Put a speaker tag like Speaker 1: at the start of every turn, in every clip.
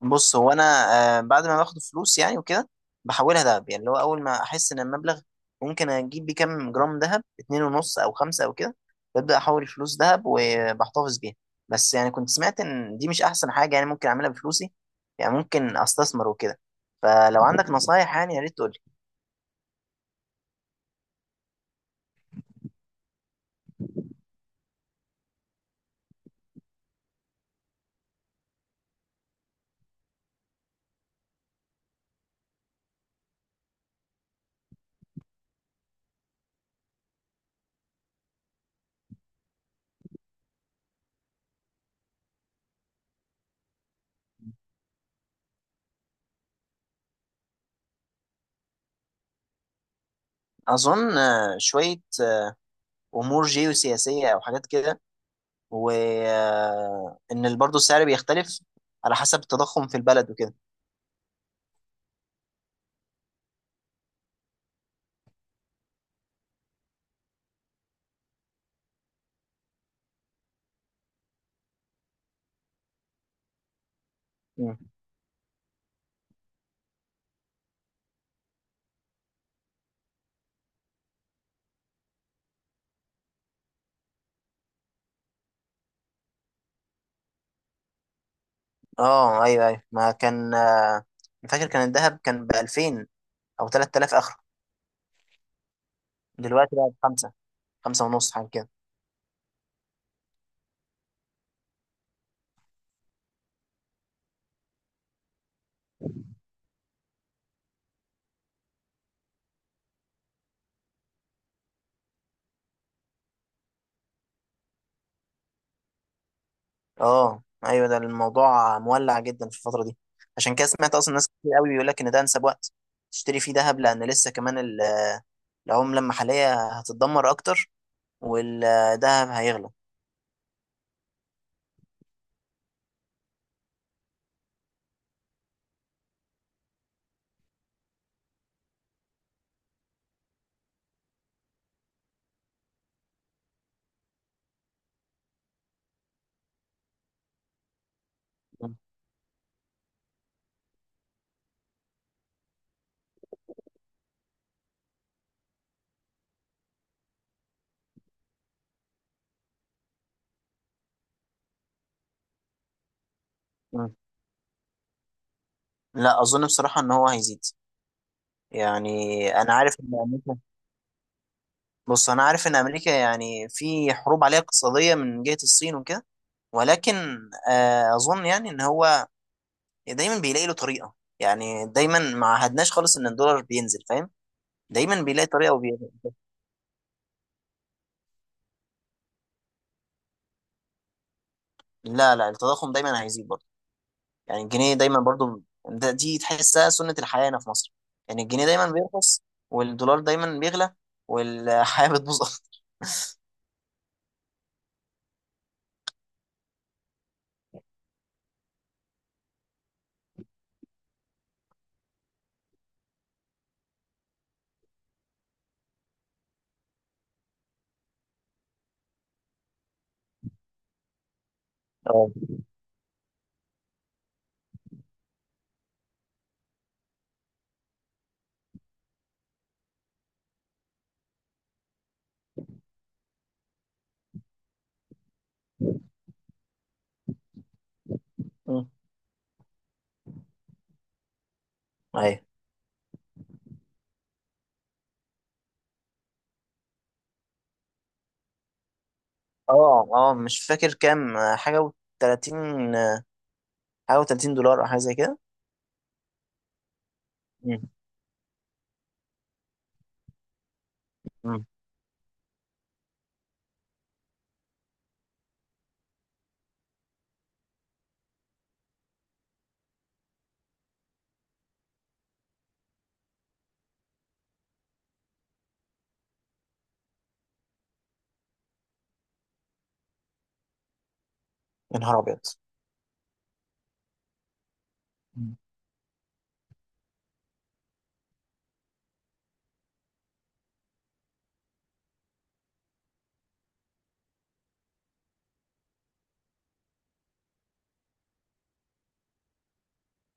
Speaker 1: بص هو انا بعد ما باخد فلوس يعني وكده بحولها دهب يعني اللي هو اول ما احس ان المبلغ ممكن اجيب بيه كام جرام دهب اتنين ونص او خمسه او كده. ببدا احول الفلوس دهب وبحتفظ بيها. بس يعني كنت سمعت ان دي مش احسن حاجه يعني ممكن اعملها بفلوسي، يعني ممكن استثمر وكده. فلو عندك نصايح يعني يا ريت تقول لي. اظن شويه امور جيوسياسيه او حاجات كده، وان برضه السعر بيختلف على حسب التضخم في البلد وكده. اه، ايوه ايوه. ما كان مش فاكر، كان الذهب كان ب 2000 او 3000 اخر. دلوقتي بقى بخمسة، خمسة ونص حاجه كده. اه، ايوه. ده الموضوع مولع جدا في الفتره دي، عشان كده سمعت اصلا ناس كتير قوي بيقول لك ان ده انسب وقت تشتري فيه ذهب، لان لسه كمان العمله المحليه هتتدمر اكتر والذهب هيغلى. مم. مم. لا، اظن بصراحه ان هو هيزيد يعني. انا عارف ان امريكا، بص انا عارف ان امريكا يعني في حروب عليها اقتصاديه من جهه الصين وكده. ولكن اظن يعني ان هو دايما بيلاقي له طريقه، يعني دايما ما عهدناش خالص ان الدولار بينزل فاهم. دايما بيلاقي طريقه لا لا، التضخم دايما هيزيد برضه يعني، الجنيه دايما برضه. ده دي تحسها سنه الحياه هنا في مصر، يعني الجنيه دايما بيرخص والدولار دايما بيغلى والحياه بتبوظ اكتر. اه. أمم. ايوه. اه اه، مش فاكر كام حاجه و30، حاجه و30 دولار او حاجه زي كده. أمم. أمم. يا نهار ابيض.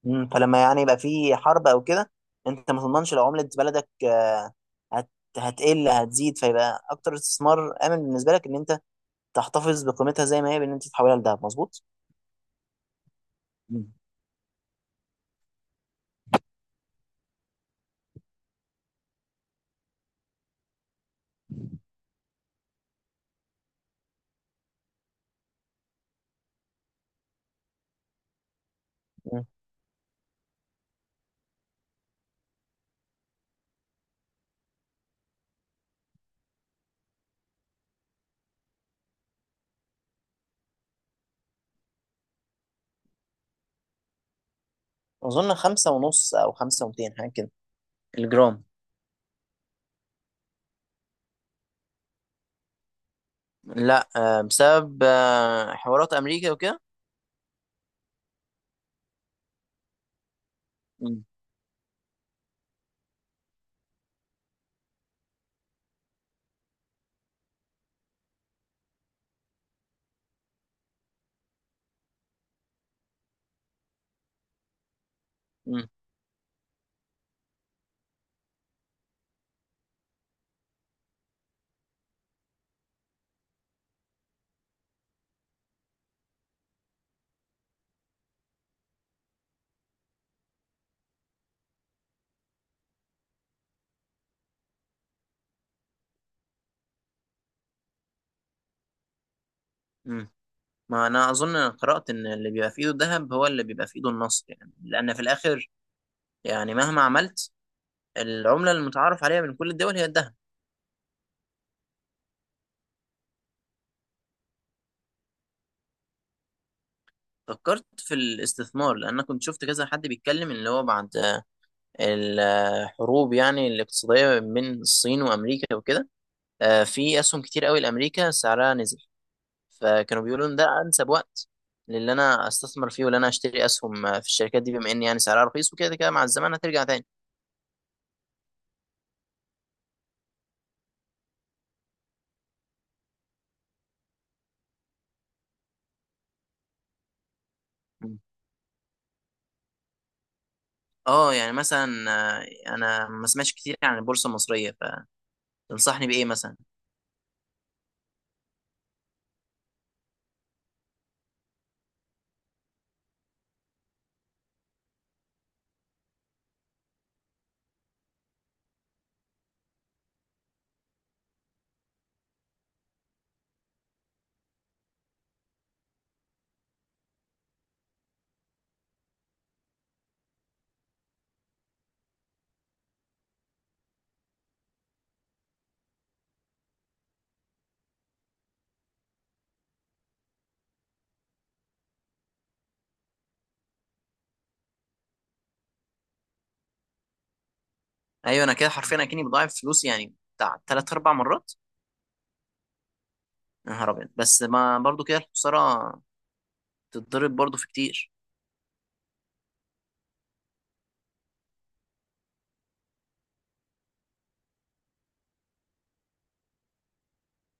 Speaker 1: مم. فلما يعني يبقى في حرب او كده انت ما تضمنش لو عملة بلدك هت... هتقل هتزيد، فيبقى اكتر استثمار امن بالنسبة لك ان انت تحتفظ بقيمتها زي ما هي، بان انت تحولها لدهب مظبوط. مم. مم. اظن خمسة ونص او خمسة ومتين حاجة كده، الجرام. لا، بسبب حوارات امريكا وكده. مم. مم. مم. ما انا اظن قرأت ان اللي بيبقى في ايده الذهب هو اللي بيبقى في ايده النصر، يعني لان في الاخر يعني مهما عملت، العملة المتعارف عليها من كل الدول هي الذهب. فكرت في الاستثمار، لان أنا كنت شفت كذا حد بيتكلم اللي هو بعد الحروب يعني الاقتصاديه بين الصين وامريكا وكده، في اسهم كتير قوي لامريكا سعرها نزل. فكانوا بيقولوا ان ده انسب وقت للي انا استثمر فيه واللي انا اشتري اسهم في الشركات دي، بما ان يعني سعرها رخيص وكده كده مع الزمن هترجع تاني. مم. اه، يعني مثلا آه، انا ما سمعتش كتير عن البورصه المصريه، فتنصحني بايه مثلا. ايوه انا كده حرفيا اكني بضاعف فلوسي يعني بتاع ثلاث اربع مرات. يا نهار ابيض، بس ما برضو كده الخساره تتضرب برضو في كتير.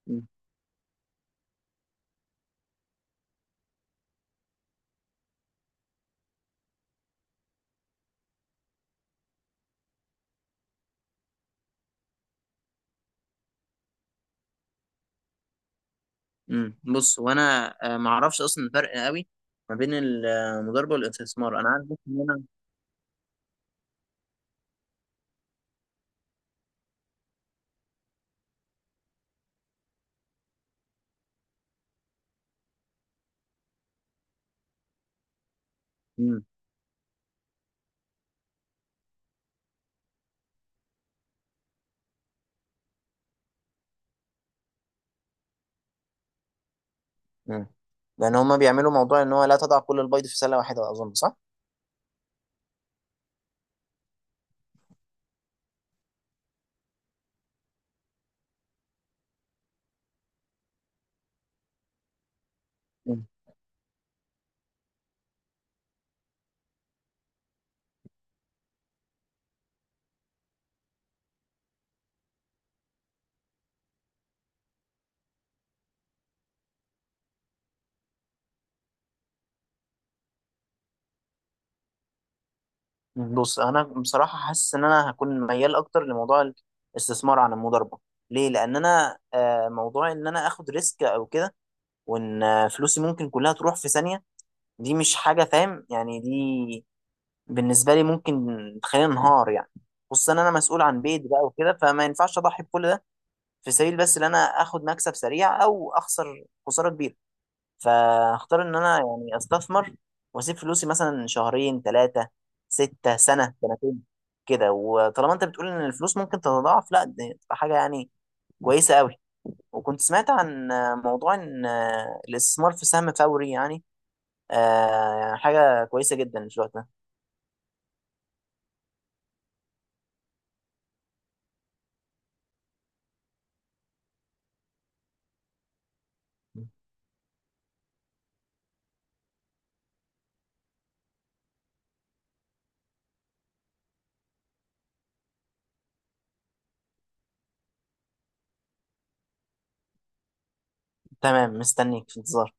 Speaker 1: مم. مم. بص وانا ما اعرفش اصلا الفرق قوي ما بين المضاربه والاستثمار، انا عارف بس ان انا. مم. مم. لان هما بيعملوا موضوع ان هو لا تضع كل البيض في سله واحده، اظن صح. مم. مم. بص انا بصراحه حاسس ان انا هكون ميال اكتر لموضوع الاستثمار عن المضاربه. ليه؟ لان انا موضوع ان انا اخد ريسك او كده وان فلوسي ممكن كلها تروح في ثانيه، دي مش حاجه فاهم يعني، دي بالنسبه لي ممكن تخليني انهار يعني. خصوصا انا مسؤول عن بيت بقى وكده، فما ينفعش اضحي بكل ده في سبيل بس ان انا اخد مكسب سريع او اخسر خساره كبيره. فاختار ان انا يعني استثمر واسيب فلوسي مثلا شهرين، ثلاثه، سته، سنه، سنتين كده. وطالما انت بتقول ان الفلوس ممكن تتضاعف، لا دي تبقى حاجه يعني كويسه قوي. وكنت سمعت عن موضوع ان الاستثمار في سهم فوري يعني حاجه كويسه جدا في الوقت ده. تمام، مستنيك في انتظار.